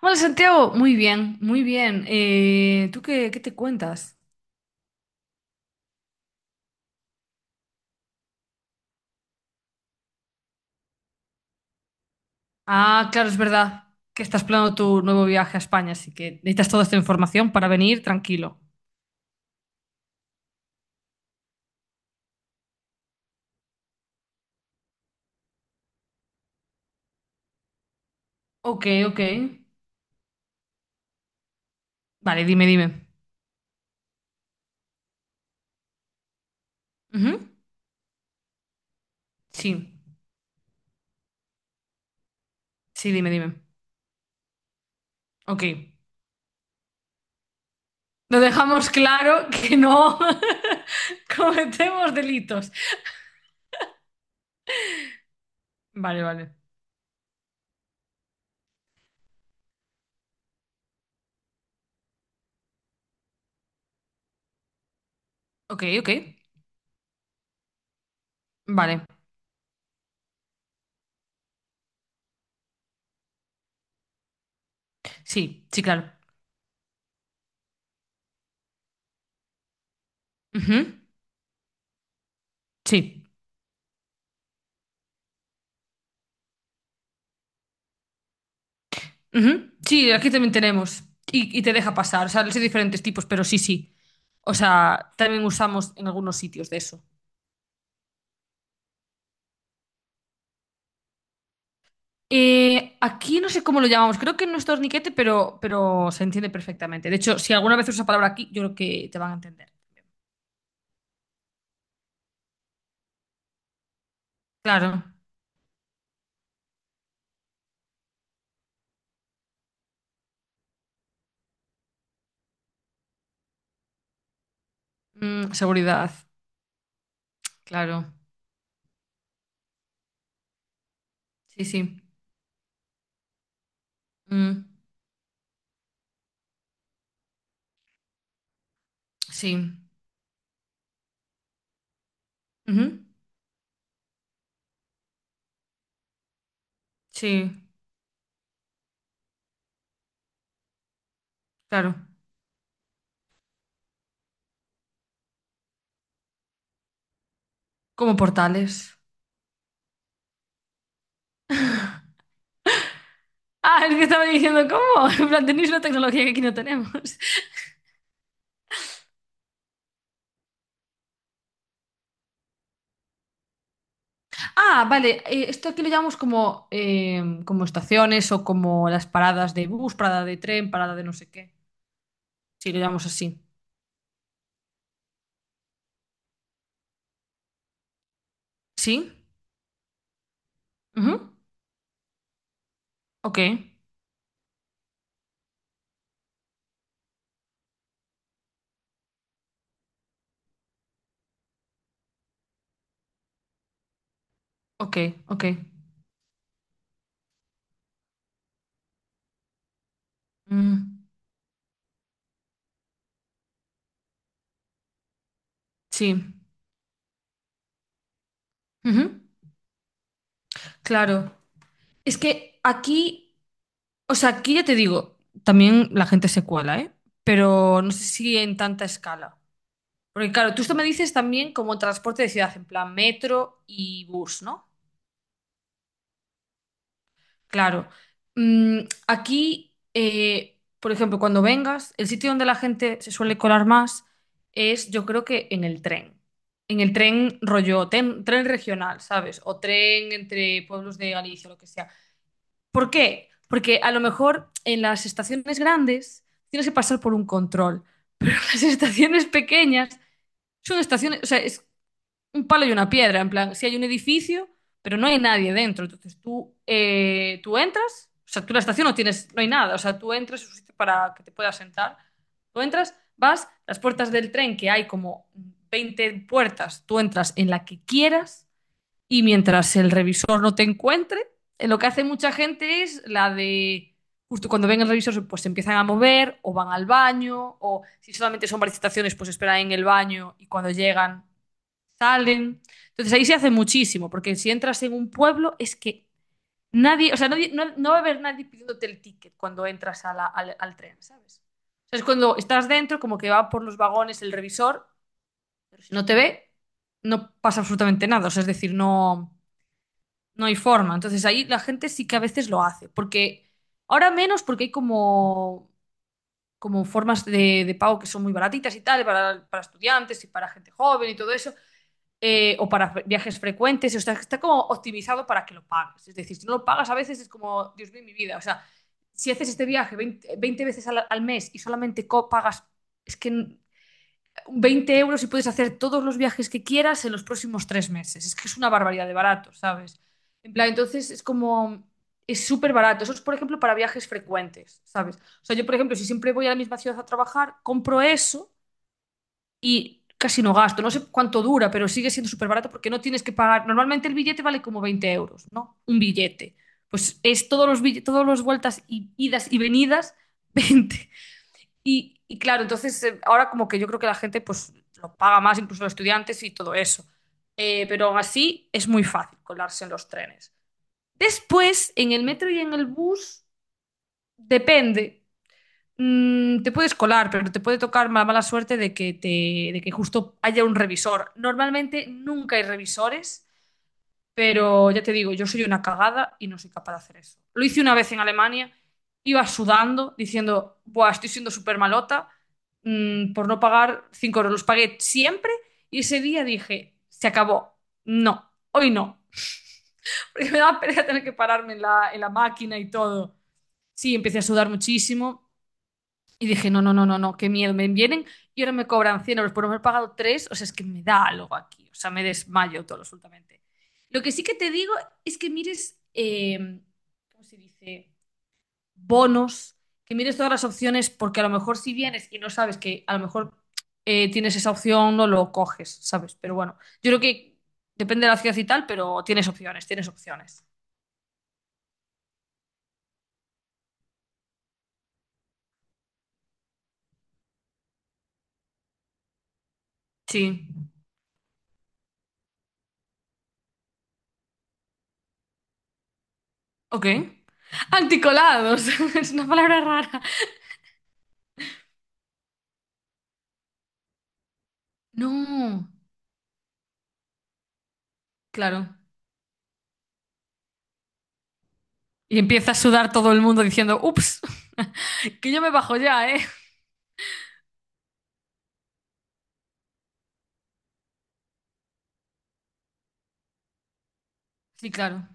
Hola Santiago, muy bien, muy bien. ¿Tú qué te cuentas? Ah, claro, es verdad que estás planeando tu nuevo viaje a España, así que necesitas toda esta información para venir tranquilo. Ok, ok. Vale, dime, dime. Ujú. Sí, sí, dime, dime. Ok. Lo dejamos claro que no cometemos delitos. Vale, vale. Ok, ok. Vale. Sí, sí, claro. Ujú. Sí. Ujú. Sí, aquí también tenemos. Y te deja pasar. O sea, hay diferentes tipos, pero sí, sí. O sea, también usamos en algunos sitios de eso. Aquí no sé cómo lo llamamos. Creo que no es torniquete, pero se entiende perfectamente. De hecho, si alguna vez usas la palabra aquí, yo creo que te van a entender. Claro. Seguridad. Claro. Sí, sí. Mm, sí. Ujú. Sí, claro. Como portales. Ah, es que estaba diciendo, ¿cómo? En plan, tenéis una tecnología que aquí no tenemos. Ah, vale, esto aquí lo llamamos como estaciones o como las paradas de bus, parada de tren, parada de no sé qué. Sí, lo llamamos así. Sí. Ujú. Ok, ok, ok. Mm, sí. Ujú. Claro. Es que aquí, o sea, aquí ya te digo, también la gente se cuela, ¿eh? Pero no sé si en tanta escala. Porque claro, tú esto me dices también como transporte de ciudad, en plan metro y bus, ¿no? Claro. Mm, aquí, por ejemplo, cuando vengas, el sitio donde la gente se suele colar más es, yo creo que en el tren. En el tren rollo, tren regional, ¿sabes? O tren entre pueblos de Galicia, lo que sea. ¿Por qué? Porque a lo mejor en las estaciones grandes tienes que pasar por un control. Las estaciones pequeñas son estaciones, o sea, es un palo y una piedra, en plan, si hay un edificio, pero no hay nadie dentro. Entonces tú entras, o sea, tú en la estación no tienes, no hay nada, o sea, tú entras, es un sitio para que te puedas sentar. Tú entras, vas, las puertas del tren, que hay como 20 puertas, tú entras en la que quieras y mientras el revisor no te encuentre, lo que hace mucha gente es la de... Justo cuando ven el revisor, pues se empiezan a mover o van al baño, o si solamente son varias estaciones, pues esperan en el baño y cuando llegan salen. Entonces ahí se hace muchísimo, porque si entras en un pueblo es que nadie, o sea, no, no va a haber nadie pidiéndote el ticket cuando entras al tren, ¿sabes? O sea, es cuando estás dentro, como que va por los vagones el revisor, pero si no te ve, no pasa absolutamente nada, o sea, es decir, no, no hay forma. Entonces ahí la gente sí que a veces lo hace, porque ahora menos porque hay como formas de pago que son muy baratitas y tal, para estudiantes y para gente joven y todo eso, o para viajes frecuentes, o sea, está como optimizado para que lo pagues. Es decir, si no lo pagas a veces es como, Dios mío, mi vida. O sea, si haces este viaje 20 20 veces al mes y solamente co pagas, es que 20 euros y puedes hacer todos los viajes que quieras en los próximos 3 meses. Es que es una barbaridad de barato, ¿sabes? En plan, entonces es como, es súper barato. Eso es, por ejemplo, para viajes frecuentes, ¿sabes? O sea, yo, por ejemplo, si siempre voy a la misma ciudad a trabajar, compro eso y casi no gasto. No sé cuánto dura, pero sigue siendo súper barato porque no tienes que pagar. Normalmente el billete vale como 20 euros, ¿no? Un billete. Pues es todos los billetes, todas las vueltas y idas y venidas, 20. Y claro, entonces ahora como que yo creo que la gente pues lo paga más, incluso los estudiantes y todo eso. Pero aún así es muy fácil colarse en los trenes. Después, en el metro y en el bus, depende. Te puedes colar, pero te puede tocar la mala suerte de que justo haya un revisor. Normalmente nunca hay revisores, pero ya te digo, yo soy una cagada y no soy capaz de hacer eso. Lo hice una vez en Alemania, iba sudando, diciendo, Buah, estoy siendo súper malota, por no pagar 5 euros. Los pagué siempre y ese día dije, se acabó. No, hoy no. Porque me daba pereza tener que pararme en la máquina y todo. Sí, empecé a sudar muchísimo. Y dije, no, no, no, no, no, qué miedo, me vienen y ahora me cobran 100 euros por haber pagado tres, o sea, es que me da algo aquí, o sea, me desmayo todo absolutamente. Lo que sí que te digo es que mires, ¿cómo se dice? Bonos, que mires todas las opciones, porque a lo mejor si vienes y no sabes que a lo mejor tienes esa opción, no lo coges, ¿sabes? Pero bueno, yo creo que depende de la ciudad y tal, pero tienes opciones, tienes opciones. Sí, ok. Anticolados, es una palabra rara. No, claro. Y empieza a sudar todo el mundo diciendo, ups, que yo me bajo ya, ¿eh? Sí, claro.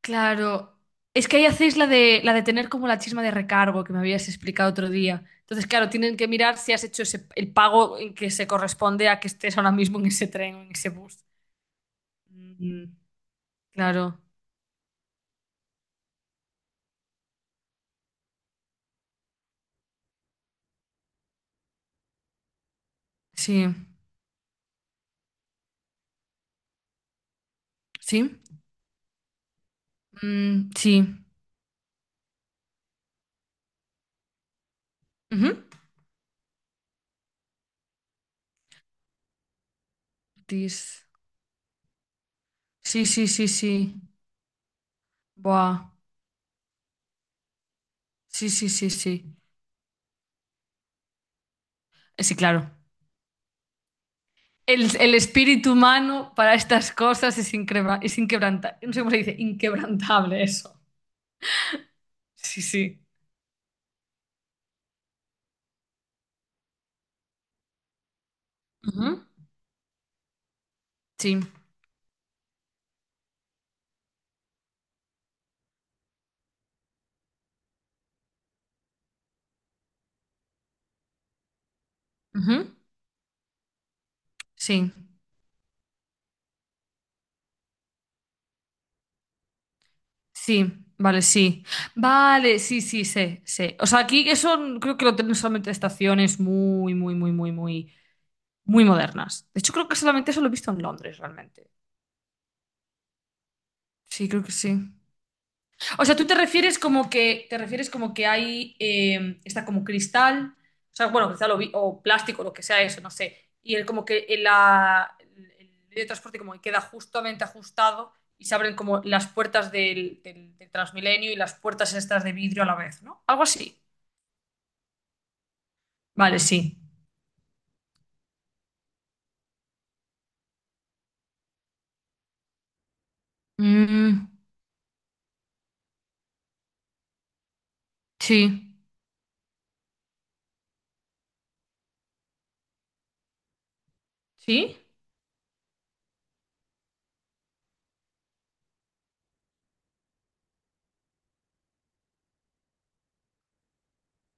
Claro. Es que ahí hacéis la de tener como la chisma de recargo que me habías explicado otro día. Entonces, claro, tienen que mirar si has hecho el pago en que se corresponde a que estés ahora mismo en ese tren o en ese bus. Mm, claro. Sí. Sí. Mm, sí. Ujú. Tis. Sí, sí, sí, sí. Buah. Sí, sí, sí, sí. Sí, claro. El espíritu humano para estas cosas es, inquebrantable. No sé cómo se dice, inquebrantable eso. Sí, sí. Ujú. Sí. Ujú. Sí. Sí. Vale, sí. Vale, sí, sí, sé, sé. O sea, aquí eso creo que lo tienen solamente estaciones muy, muy, muy, muy, muy, muy modernas. De hecho, creo que solamente eso lo he visto en Londres, realmente. Sí, creo que sí. O sea, tú te refieres como que te refieres como que hay está como cristal, o sea, bueno, cristal o plástico, lo que sea eso, no sé. Y el como que el, la, el medio de transporte como que queda justamente ajustado y se abren como las puertas del Transmilenio y las puertas estas de vidrio a la vez, ¿no? Algo así. Vale, sí. Mm, sí. ¿Sí?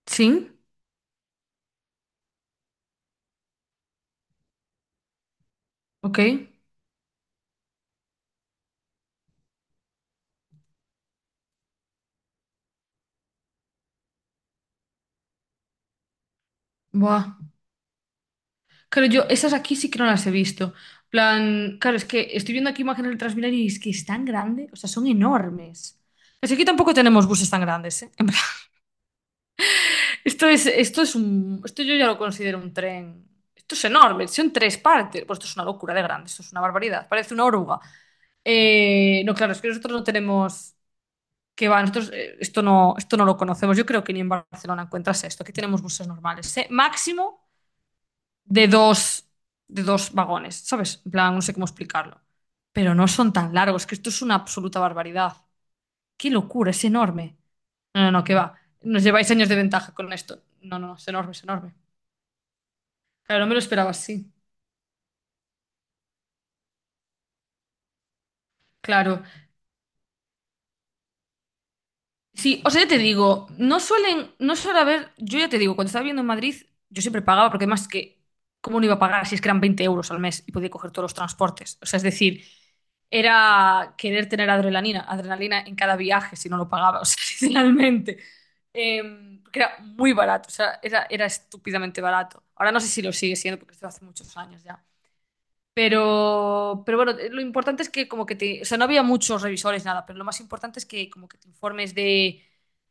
Sí. Ok. Buah. Claro, yo esas aquí sí que no las he visto. Plan, claro, es que estoy viendo aquí imágenes del Transmilenio y es que es tan grande, o sea, son enormes. Pero si aquí tampoco tenemos buses tan grandes, ¿eh? En plan, esto yo ya lo considero un tren. Esto es enorme, son tres partes. Pues esto es una locura de grande, esto es una barbaridad, parece una oruga. No, claro, es que nosotros no tenemos, que va, nosotros esto no lo conocemos. Yo creo que ni en Barcelona encuentras esto. Aquí tenemos buses normales, ¿eh? Máximo. de dos, de dos vagones, ¿sabes? En plan, no sé cómo explicarlo. Pero no son tan largos, que esto es una absoluta barbaridad. ¡Qué locura! Es enorme. No, no, no, que va. Nos lleváis años de ventaja con esto. No, no, no, es enorme, es enorme. Claro, no me lo esperaba así. Claro. Sí, o sea, ya te digo, no suelen, no suele haber, yo ya te digo, cuando estaba viviendo en Madrid, yo siempre pagaba, porque además que, ¿cómo no iba a pagar si es que eran 20 euros al mes y podía coger todos los transportes? O sea, es decir, era querer tener adrenalina, adrenalina en cada viaje si no lo pagaba, o sea, sinceramente. Eh, porque era muy barato, o sea, era estúpidamente barato. Ahora no sé si lo sigue siendo, porque esto hace muchos años ya. Pero bueno, lo importante es que como que o sea, no había muchos revisores, nada, pero lo más importante es que como que te informes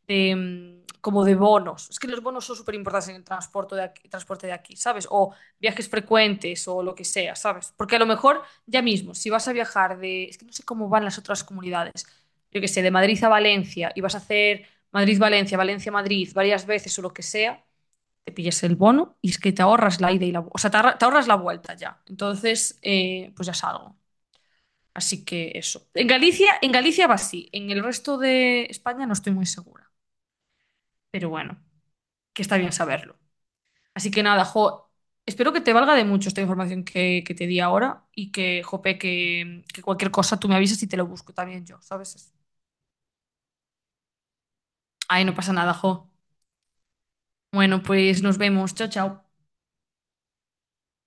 de, como de bonos. Es que los bonos son súper importantes en el transporte de aquí, ¿sabes? O viajes frecuentes o lo que sea, ¿sabes? Porque a lo mejor ya mismo, si vas a viajar de, es que no sé cómo van las otras comunidades, yo qué sé, de Madrid a Valencia y vas a hacer Madrid-Valencia, Valencia-Madrid varias veces o lo que sea te pillas el bono y es que te ahorras la ida y la, vu- o sea, te, ahorra- te ahorras la vuelta ya. Entonces, pues ya salgo. Así que eso. En Galicia va así. En el resto de España no estoy muy segura. Pero bueno, que está bien saberlo. Así que nada, jo, espero que te valga de mucho esta información que te di ahora y que, jope, que cualquier cosa tú me avisas y te lo busco también yo, ¿sabes? Ay, no pasa nada, jo. Bueno, pues nos vemos. Chao, chao.